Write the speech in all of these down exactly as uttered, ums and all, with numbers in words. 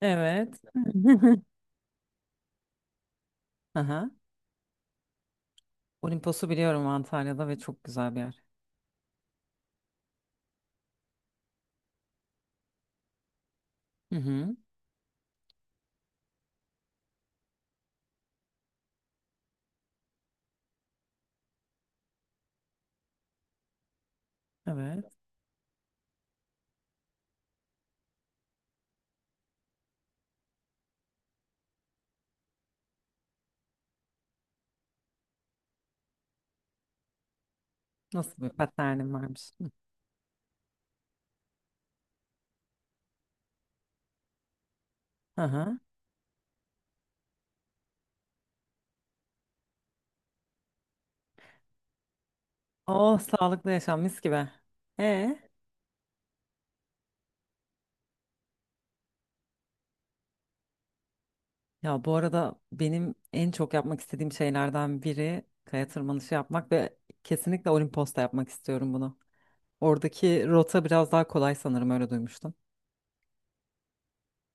Evet. Aha. Olimpos'u biliyorum Antalya'da ve çok güzel bir yer. Hı hı. Evet. Nasıl bir paternim varmış. Aha. Oh, sağlıklı yaşam mis gibi. E Ya, bu arada benim en çok yapmak istediğim şeylerden biri kaya tırmanışı yapmak ve kesinlikle Olimpos'ta yapmak istiyorum bunu. Oradaki rota biraz daha kolay sanırım, öyle duymuştum.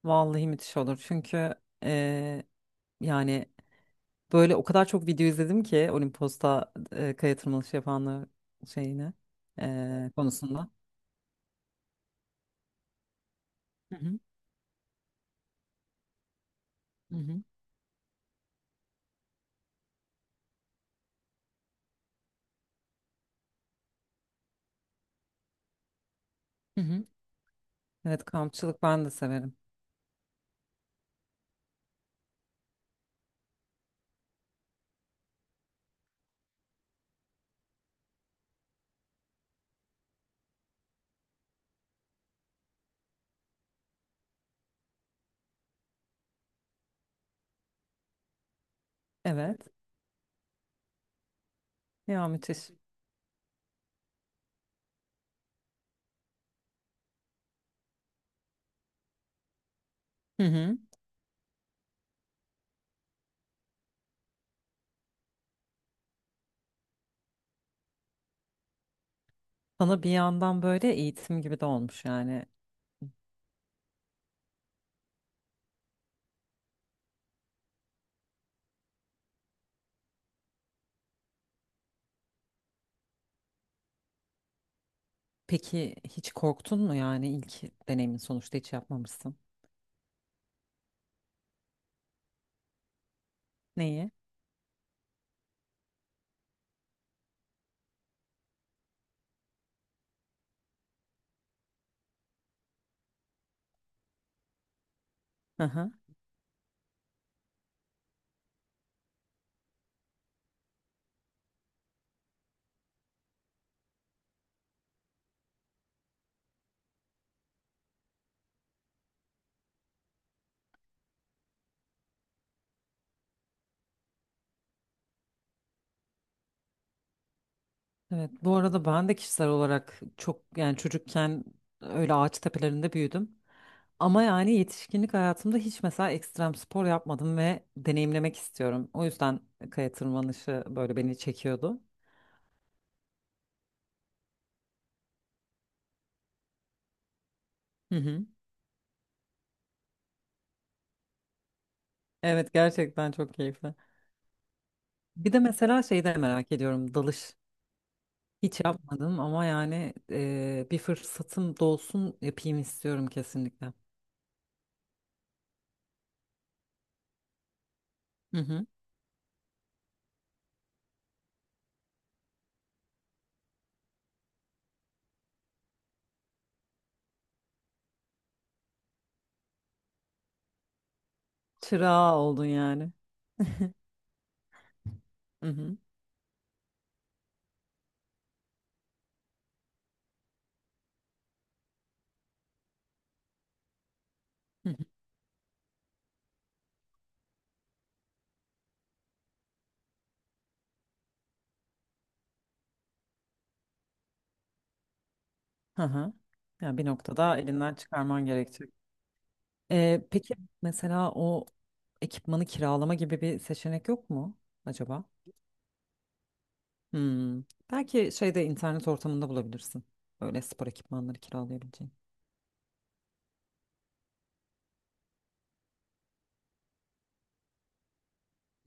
Vallahi müthiş olur çünkü e, yani, böyle o kadar çok video izledim ki Olimpos'ta e, kaya tırmanışı yapanlar şeyini e, konusunda. Hı hı, hı hı, hı hı. Evet, kampçılık ben de severim. Evet. Ya, müthiş. Hı hı. Sana bir yandan böyle eğitim gibi de olmuş yani. Peki, hiç korktun mu? Yani ilk deneyimin, sonuçta hiç yapmamışsın. Neyi? Hı hı. Evet, bu arada ben de kişisel olarak çok yani çocukken öyle ağaç tepelerinde büyüdüm. Ama yani yetişkinlik hayatımda hiç mesela ekstrem spor yapmadım ve deneyimlemek istiyorum. O yüzden kaya tırmanışı böyle beni çekiyordu. Hı hı. Evet, gerçekten çok keyifli. Bir de mesela şeyi de merak ediyorum, dalış. Hiç yapmadım ama yani e, bir fırsatım dolsun yapayım istiyorum kesinlikle. Hı hı. Çırağı oldun yani. Hı hı. Hı hı. Hı hı. Yani bir noktada elinden çıkarman gerekecek. Ee, peki mesela o ekipmanı kiralama gibi bir seçenek yok mu acaba? Hmm. Belki şeyde, internet ortamında bulabilirsin. Öyle spor ekipmanları kiralayabileceğin.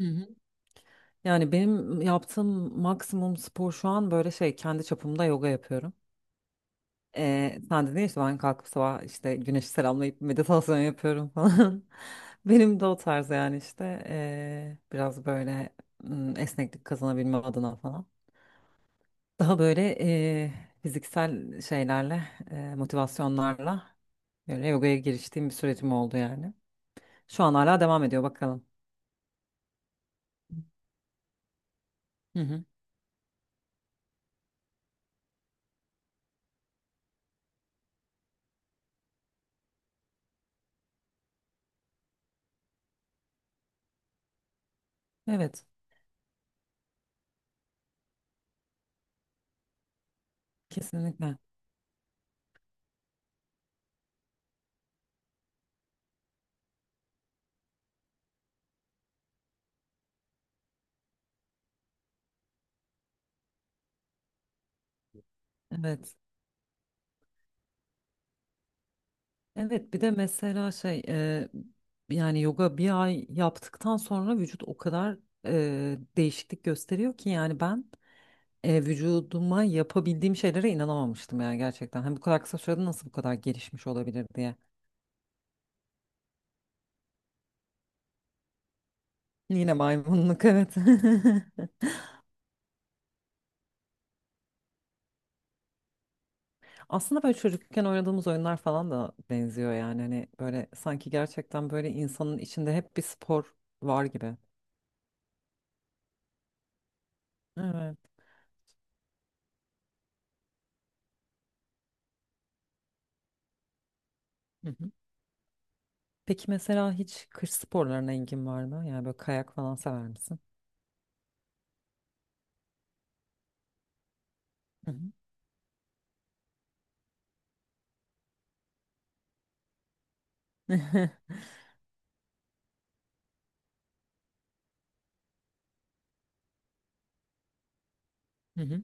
Hı hı. Yani benim yaptığım maksimum spor şu an böyle şey, kendi çapımda yoga yapıyorum. Ee, sen dedin ya işte, ben kalkıp sabah işte güneşi selamlayıp meditasyon yapıyorum falan. Benim de o tarz yani işte ee, biraz böyle hmm, esneklik kazanabilmem adına falan. Daha böyle eee, fiziksel şeylerle, eee, motivasyonlarla böyle yogaya giriştiğim bir sürecim oldu yani. Şu an hala devam ediyor, bakalım. Hı hı. Evet, kesinlikle. Evet. Evet, bir de mesela şey eee, yani yoga bir ay yaptıktan sonra vücut o kadar eee, değişiklik gösteriyor ki yani ben eee, vücuduma yapabildiğim şeylere inanamamıştım yani gerçekten. Hani bu kadar kısa sürede nasıl bu kadar gelişmiş olabilir diye. Yine maymunluk, evet. Aslında böyle çocukken oynadığımız oyunlar falan da benziyor yani, hani böyle sanki gerçekten böyle insanın içinde hep bir spor var gibi. Evet. Hı hı. Peki mesela hiç kış sporlarına ilgin var mı? Yani böyle kayak falan sever misin? Hı hı. Hı hı.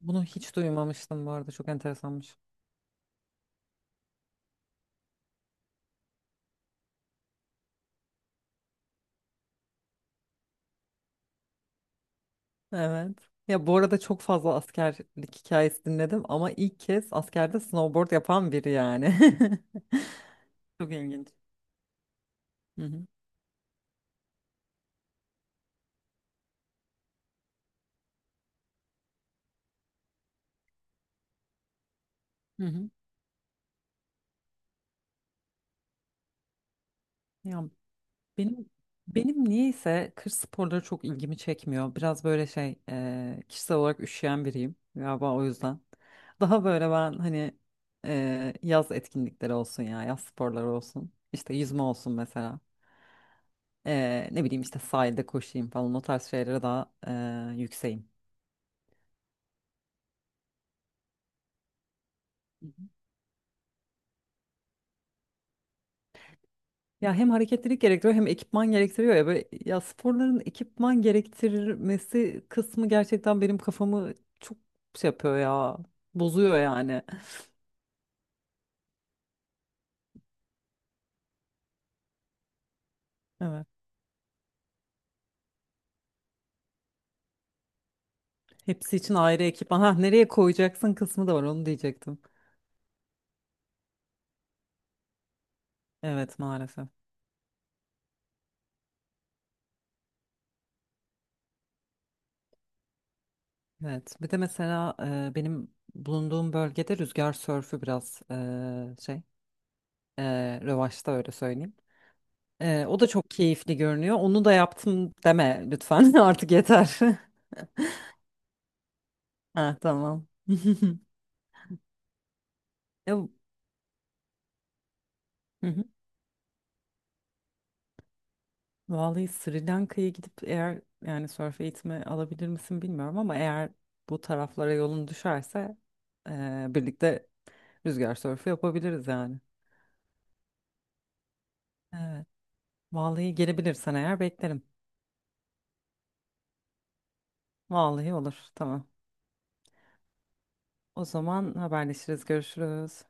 Bunu hiç duymamıştım bu arada, çok enteresanmış. Evet. Ya bu arada çok fazla askerlik hikayesi dinledim ama ilk kez askerde snowboard yapan biri yani. Çok ilginç. Hı hı. Hı hı. Ya, Benim benim niyeyse kış sporları çok ilgimi çekmiyor. Biraz böyle şey, e, kişisel olarak üşüyen biriyim galiba o yüzden. Daha böyle ben hani e, yaz etkinlikleri olsun ya yaz sporları olsun. İşte yüzme olsun mesela. E, ne bileyim işte sahilde koşayım falan, o tarz şeylere daha e, yükseğim. Hı hı. Ya hem hareketlilik gerektiriyor hem ekipman gerektiriyor ya, böyle ya sporların ekipman gerektirmesi kısmı gerçekten benim kafamı çok şey yapıyor ya, bozuyor yani. Hepsi için ayrı ekipman. Ha, nereye koyacaksın kısmı da var, onu diyecektim. Evet, maalesef. Evet. Bir de mesela e, benim bulunduğum bölgede rüzgar sörfü biraz e, şey, e, revaçta, öyle söyleyeyim. E, o da çok keyifli görünüyor. Onu da yaptım deme lütfen. Artık yeter. Ha tamam. Ya, hı hı. Vallahi Sri Lanka'ya gidip eğer yani sörf eğitimi alabilir misin bilmiyorum ama eğer bu taraflara yolun düşerse eee, birlikte rüzgar sörfü yapabiliriz yani. Evet. Vallahi gelebilirsen eğer beklerim. Vallahi olur. Tamam. O zaman haberleşiriz. Görüşürüz.